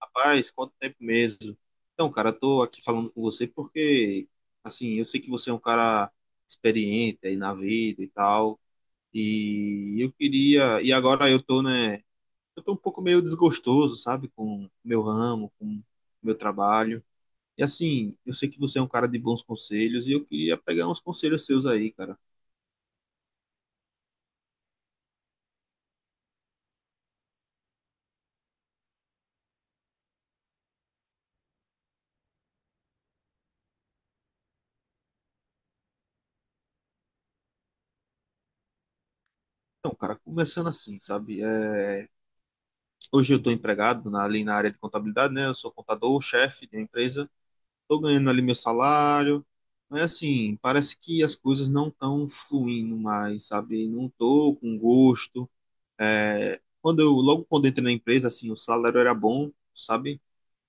Rapaz, quanto tempo mesmo? Então, cara, eu tô aqui falando com você porque, assim, eu sei que você é um cara experiente aí na vida e tal, e agora eu tô, né, eu tô um pouco meio desgostoso, sabe, com o meu ramo, com o meu trabalho. E assim, eu sei que você é um cara de bons conselhos e eu queria pegar uns conselhos seus aí, cara. Então, cara, começando assim, sabe, é, hoje eu tô empregado ali na área de contabilidade, né, eu sou contador, chefe de uma empresa. Tô ganhando ali meu salário, mas assim, parece que as coisas não estão fluindo mais, sabe? Não tô com gosto. É, logo quando eu entrei na empresa, assim, o salário era bom, sabe?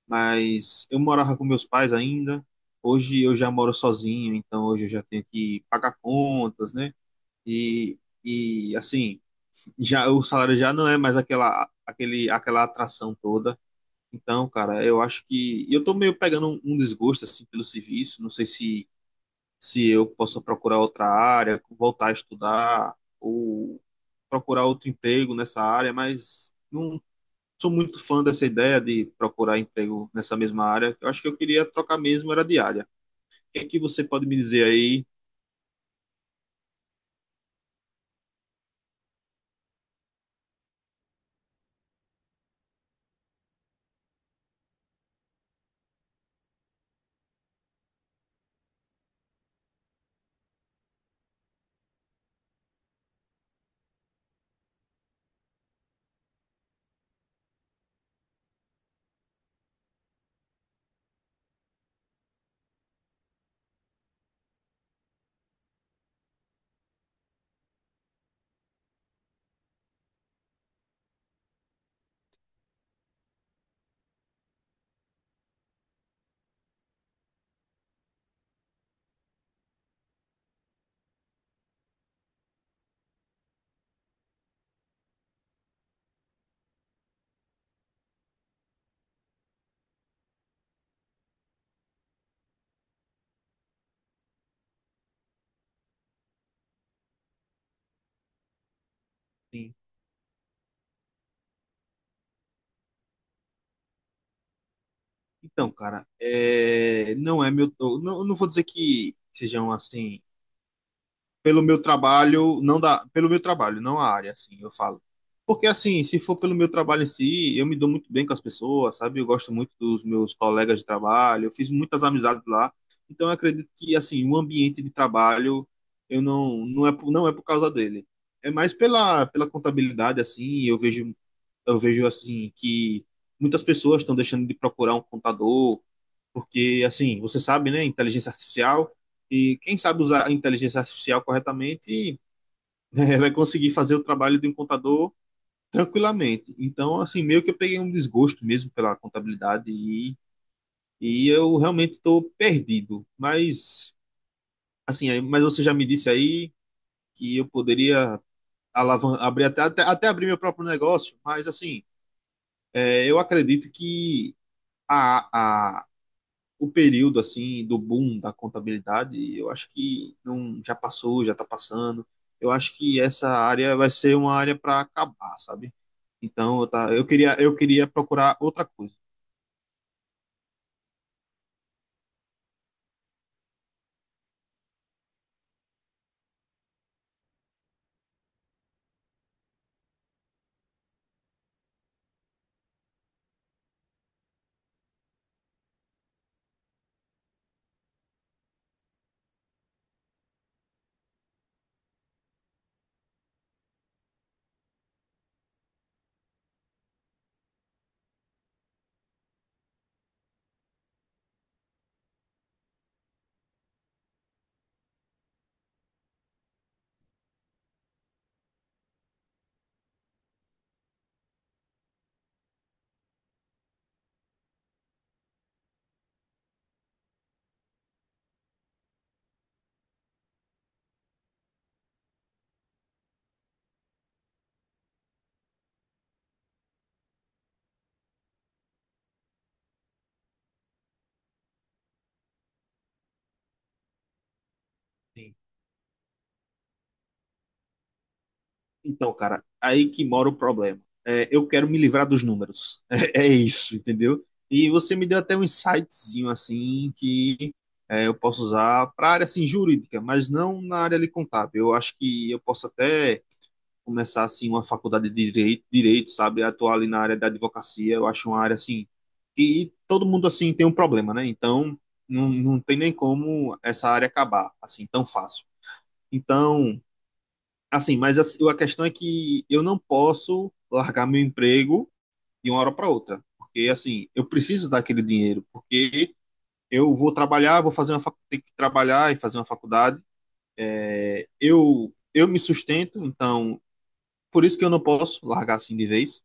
Mas eu morava com meus pais ainda. Hoje eu já moro sozinho, então hoje eu já tenho que pagar contas, né? E, e assim, já o salário já não é mais aquela atração toda. Então, cara, eu acho que e eu tô meio pegando um desgosto assim pelo serviço, não sei se eu posso procurar outra área, voltar a estudar ou procurar outro emprego nessa área, mas não sou muito fã dessa ideia de procurar emprego nessa mesma área. Eu acho que eu queria trocar mesmo era de área. O que é que você pode me dizer aí? Sim. Então, cara, é, não é meu, eu não vou dizer que sejam assim pelo meu trabalho, não da, pelo meu trabalho, não a área, assim, eu falo. Porque assim, se for pelo meu trabalho em si, eu me dou muito bem com as pessoas, sabe? Eu gosto muito dos meus colegas de trabalho, eu fiz muitas amizades lá. Então eu acredito que assim, o ambiente de trabalho eu não é por causa dele. É mais pela contabilidade assim, eu vejo assim que muitas pessoas estão deixando de procurar um contador porque assim, você sabe, né, inteligência artificial, e quem sabe usar a inteligência artificial corretamente, né, vai conseguir fazer o trabalho de um contador tranquilamente. Então, assim, meio que eu peguei um desgosto mesmo pela contabilidade e eu realmente estou perdido. Mas, assim, mas você já me disse aí que eu poderia alavan abrir até abrir meu próprio negócio, mas assim, é, eu acredito que a, o período assim do boom da contabilidade, eu acho que não já passou, já está passando. Eu acho que essa área vai ser uma área para acabar, sabe? Então, eu, tá, eu queria procurar outra coisa. Sim. Então, cara, aí que mora o problema. É, eu quero me livrar dos números. É, é isso, entendeu? E você me deu até um insightzinho assim que é, eu posso usar para área assim jurídica, mas não na área ali contábil. Eu acho que eu posso até começar assim uma faculdade de direito, sabe? Atuar ali na área da advocacia, eu acho uma área assim que todo mundo assim tem um problema, né? Então, não, não tem nem como essa área acabar assim tão fácil. Então, assim, mas a questão é que eu não posso largar meu emprego de uma hora para outra, porque assim, eu preciso daquele dinheiro, porque eu vou trabalhar, vou fazer uma facu- ter que trabalhar e fazer uma faculdade. É, eu me sustento, então por isso que eu não posso largar assim de vez.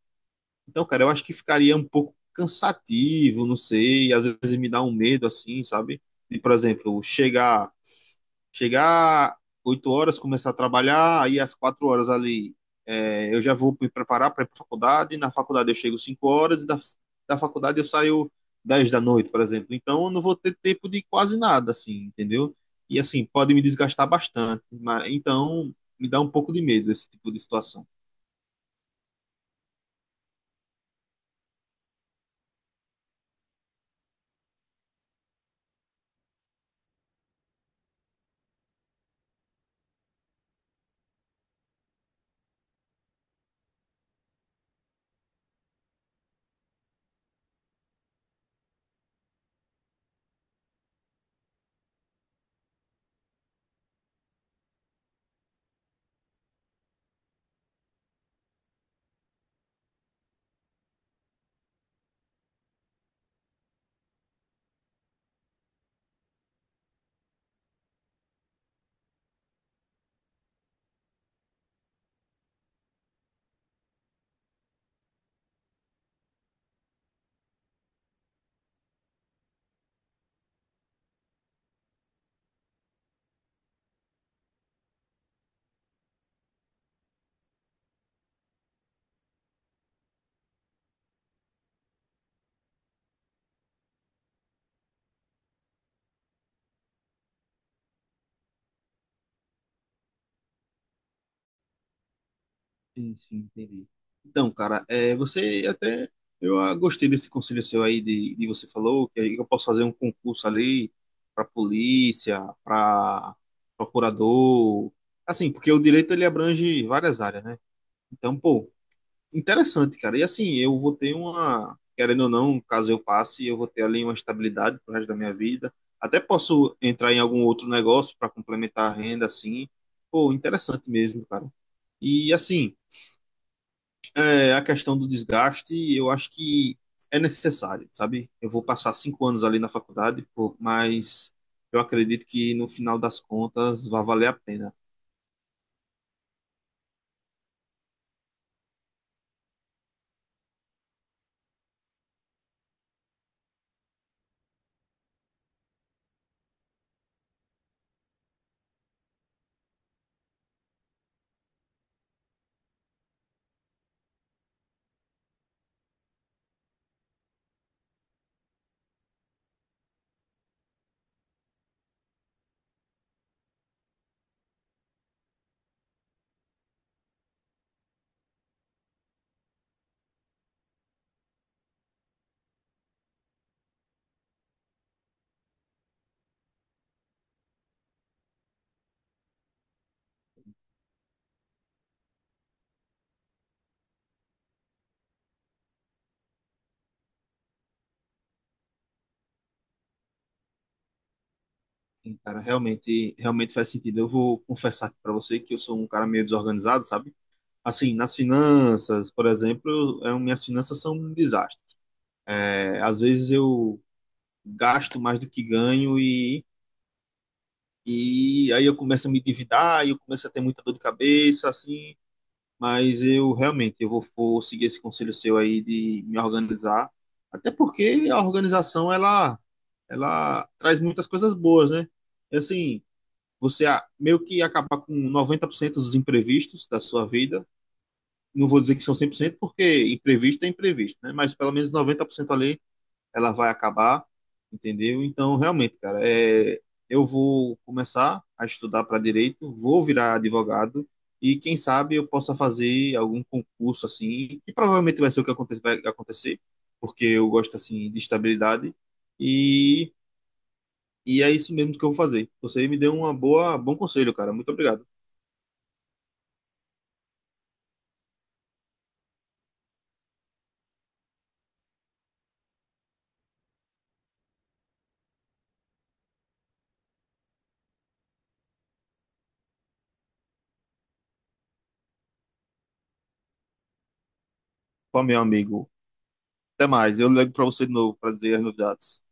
Então, cara, eu acho que ficaria um pouco cansativo, não sei, às vezes me dá um medo assim, sabe? De, por exemplo, chegar 8 horas, começar a trabalhar, aí às 4 horas ali, é, eu já vou me preparar para ir para faculdade, na faculdade eu chego 5 horas da faculdade eu saio 10 da noite, por exemplo. Então, eu não vou ter tempo de quase nada assim, entendeu? E assim, pode me desgastar bastante, mas então me dá um pouco de medo esse tipo de situação. Sim, sim, entendi. Então, cara, é, você até. Eu gostei desse conselho seu aí, de você falou que eu posso fazer um concurso ali para polícia, para procurador. Assim, porque o direito ele abrange várias áreas, né? Então, pô, interessante, cara. E assim, eu vou ter uma. Querendo ou não, caso eu passe, eu vou ter ali uma estabilidade pro resto da minha vida. Até posso entrar em algum outro negócio para complementar a renda, assim. Pô, interessante mesmo, cara. E assim é, a questão do desgaste, eu acho que é necessário, sabe? Eu vou passar 5 anos ali na faculdade, pô, mas eu acredito que no final das contas vai valer a pena. E, cara, realmente, realmente faz sentido. Eu vou confessar aqui pra você que eu sou um cara meio desorganizado, sabe? Assim, nas finanças, por exemplo, é, minhas finanças são um desastre. É, às vezes eu gasto mais do que ganho e aí eu começo a me endividar, e eu começo a ter muita dor de cabeça, assim. Mas eu realmente eu vou seguir esse conselho seu aí de me organizar, até porque a organização ela traz muitas coisas boas, né? E, assim, meio que acabar com 90% dos imprevistos da sua vida. Não vou dizer que são 100% porque imprevisto é imprevisto, né? Mas pelo menos 90% ali ela vai acabar, entendeu? Então, realmente, cara, é, eu vou começar a estudar para direito, vou virar advogado e quem sabe eu possa fazer algum concurso assim, que provavelmente vai ser o que vai acontecer, porque eu gosto assim de estabilidade e e é isso mesmo que eu vou fazer. Você me deu uma boa bom conselho, cara. Muito obrigado. Pô, meu amigo. Até mais. Eu ligo para você de novo para dizer as novidades.